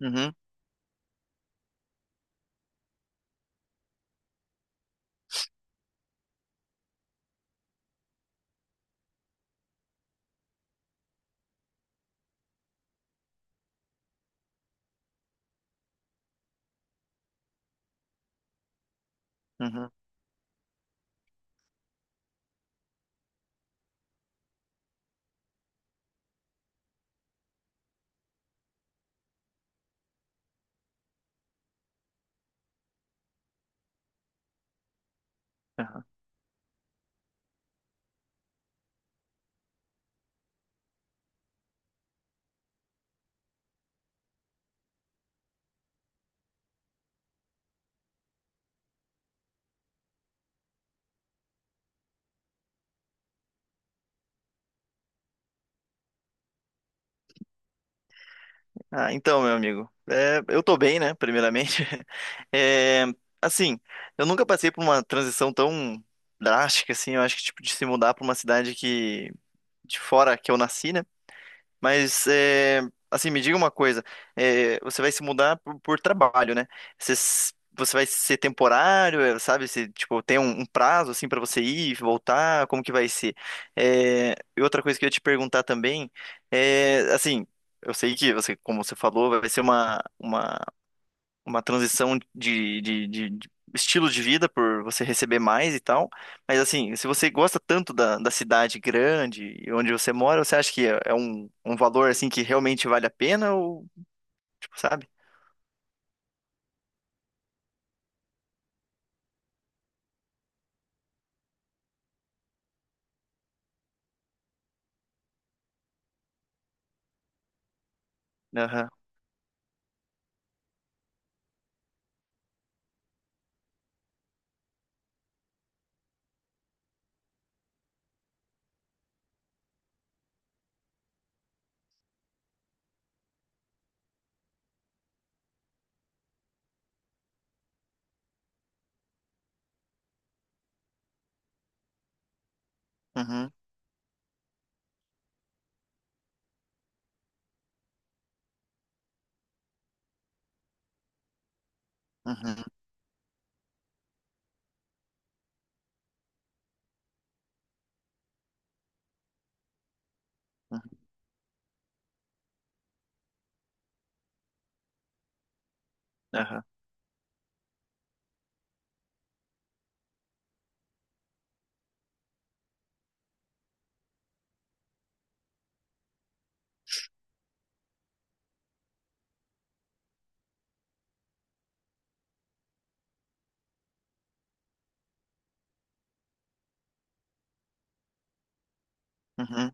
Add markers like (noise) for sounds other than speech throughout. Uhum, uhum, aham. Ah, então, meu amigo, eu tô bem, né? Primeiramente, (laughs) É, assim, eu nunca passei por uma transição tão drástica, assim. Eu acho que tipo de se mudar pra uma cidade que de fora que eu nasci, né? Mas, assim, me diga uma coisa. Você vai se mudar por trabalho, né? Você, você vai ser temporário, é, sabe? Se, tipo, tem um prazo, assim, para você ir e voltar? Como que vai ser? É, e outra coisa que eu ia te perguntar também é, assim, eu sei que você, como você falou, vai ser uma transição de estilo de vida por você receber mais e tal. Mas assim, se você gosta tanto da cidade grande e onde você mora, você acha que é um valor assim que realmente vale a pena ou, tipo, sabe? Aham. Uhum. Uhum. Uhum. Aham. Uhum.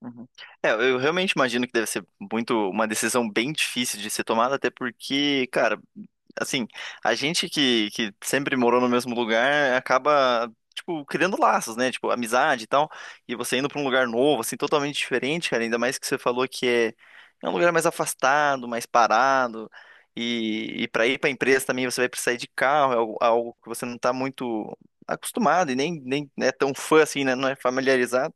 Uhum. É, eu realmente imagino que deve ser muito uma decisão bem difícil de ser tomada, até porque, cara, assim, a gente que sempre morou no mesmo lugar acaba, tipo, criando laços, né? Tipo, amizade e tal. E você indo pra um lugar novo, assim, totalmente diferente, cara, ainda mais que você falou que é, é um lugar mais afastado, mais parado. E para ir pra empresa também você vai precisar ir de carro, é algo, algo que você não tá muito acostumado e nem é tão fã assim, né? Não é familiarizado.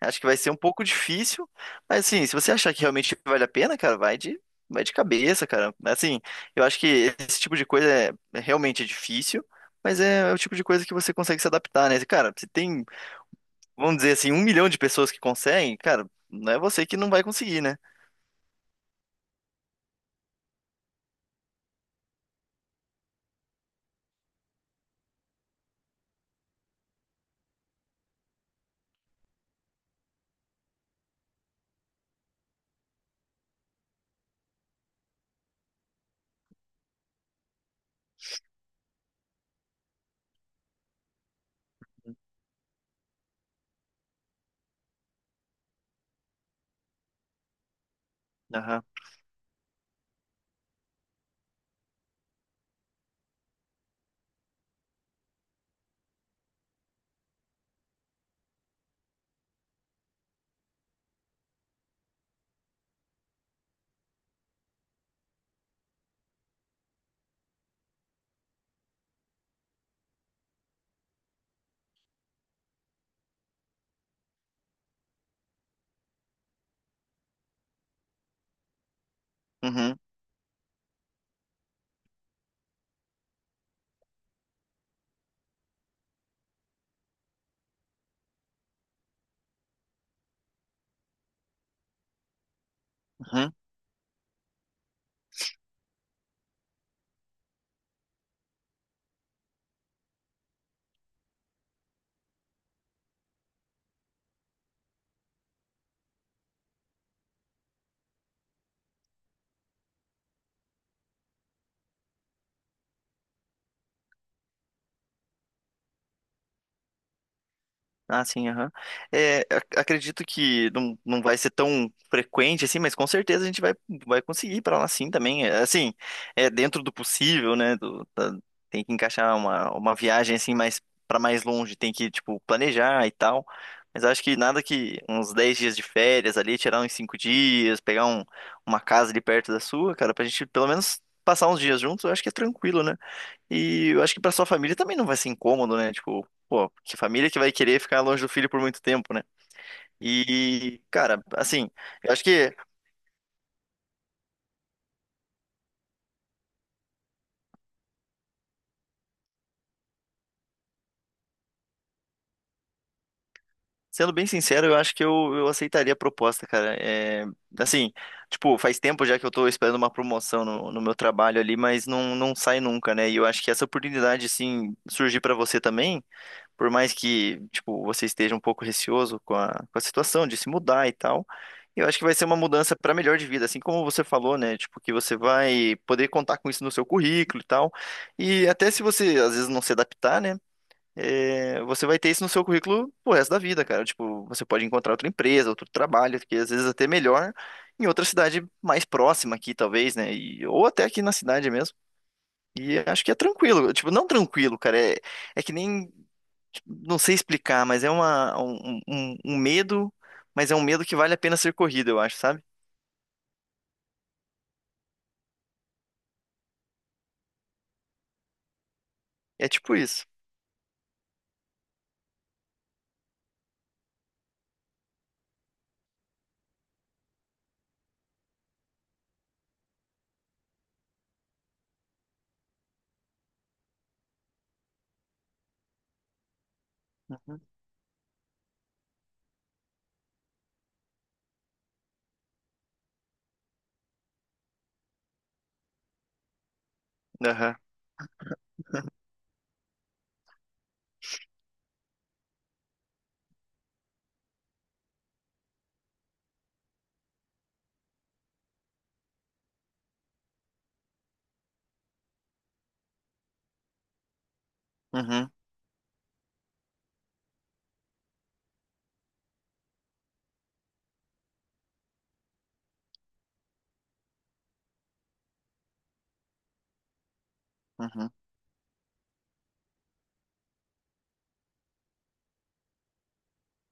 Acho que vai ser um pouco difícil, mas assim, se você achar que realmente vale a pena, cara, vai de cabeça, cara. Assim, eu acho que esse tipo de coisa é realmente é difícil, mas é o tipo de coisa que você consegue se adaptar, né? Cara, se tem, vamos dizer assim, 1 milhão de pessoas que conseguem, cara, não é você que não vai conseguir, né? Aham. Uhum. Uhum. Ah, sim, aham. É, acredito que não, não vai ser tão frequente assim, mas com certeza a gente vai, vai conseguir ir pra lá sim também. É, assim, é dentro do possível, né? Tem que encaixar uma viagem assim mais para mais longe, tem que, tipo, planejar e tal. Mas acho que nada que uns 10 dias de férias ali, tirar uns 5 dias, pegar uma casa ali perto da sua, cara, pra gente pelo menos passar uns dias juntos, eu acho que é tranquilo, né? E eu acho que pra sua família também não vai ser incômodo, né? Tipo, pô, que família que vai querer ficar longe do filho por muito tempo, né? E, cara, assim, eu acho que, sendo bem sincero, eu acho que eu aceitaria a proposta, cara. É, assim, tipo, faz tempo já que eu tô esperando uma promoção no meu trabalho ali, mas não, não sai nunca, né? E eu acho que essa oportunidade, assim, surgir pra você também. Por mais que, tipo, você esteja um pouco receoso com com a situação de se mudar e tal, eu acho que vai ser uma mudança para melhor de vida, assim como você falou, né? Tipo, que você vai poder contar com isso no seu currículo e tal. E até se você, às vezes, não se adaptar, né? É, você vai ter isso no seu currículo pro resto da vida, cara. Tipo, você pode encontrar outra empresa, outro trabalho, que às vezes até melhor, em outra cidade mais próxima aqui, talvez, né? E, ou até aqui na cidade mesmo. E acho que é tranquilo. Tipo, não tranquilo, cara. É, é que nem não sei explicar, mas é um um medo, mas é um medo que vale a pena ser corrido, eu acho, sabe? É tipo isso. Uhum. Aham. Uhum. Uhum.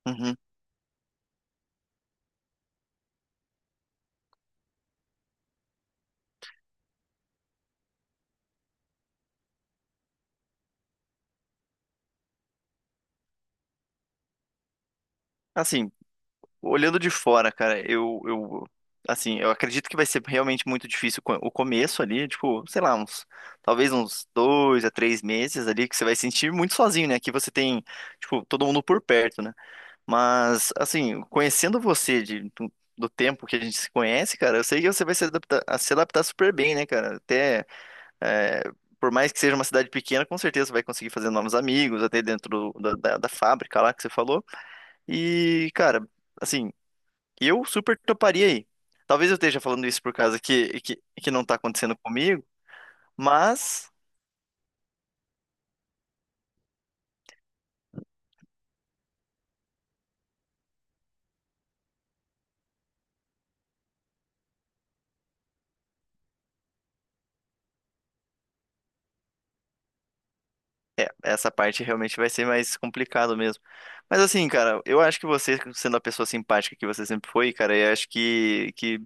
Uhum. Assim, olhando de fora, cara, assim, eu acredito que vai ser realmente muito difícil o começo ali, tipo, sei lá, uns, talvez uns 2 a 3 meses ali, que você vai sentir muito sozinho, né? Aqui você tem, tipo, todo mundo por perto, né? Mas, assim, conhecendo você do tempo que a gente se conhece, cara, eu sei que você vai se adaptar super bem, né, cara? Até, é, por mais que seja uma cidade pequena, com certeza você vai conseguir fazer novos amigos, até dentro da fábrica lá que você falou. E, cara, assim, eu super toparia aí. Talvez eu esteja falando isso por causa que não tá acontecendo comigo, mas. É, essa parte realmente vai ser mais complicado mesmo. Mas assim, cara, eu acho que você, sendo a pessoa simpática que você sempre foi, cara, eu acho que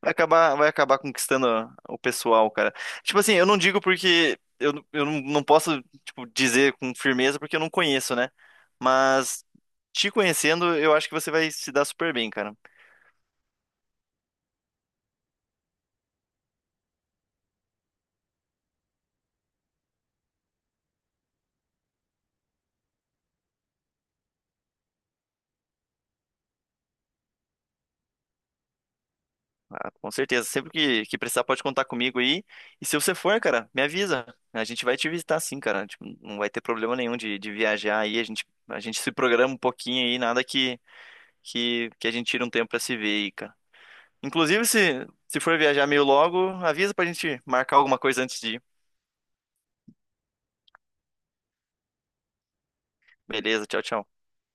vai acabar conquistando o pessoal, cara. Tipo assim, eu não digo porque eu não não posso, tipo, dizer com firmeza porque eu não conheço, né? Mas te conhecendo, eu acho que você vai se dar super bem, cara. Ah, com certeza. Sempre que precisar, pode contar comigo aí. E se você for, cara, me avisa. A gente vai te visitar sim, cara. Tipo, não vai ter problema nenhum de viajar aí. A gente se programa um pouquinho aí, nada que a gente tira um tempo pra se ver aí, cara. Inclusive, se for viajar meio logo, avisa pra gente marcar alguma coisa antes de ir. Beleza, tchau, tchau.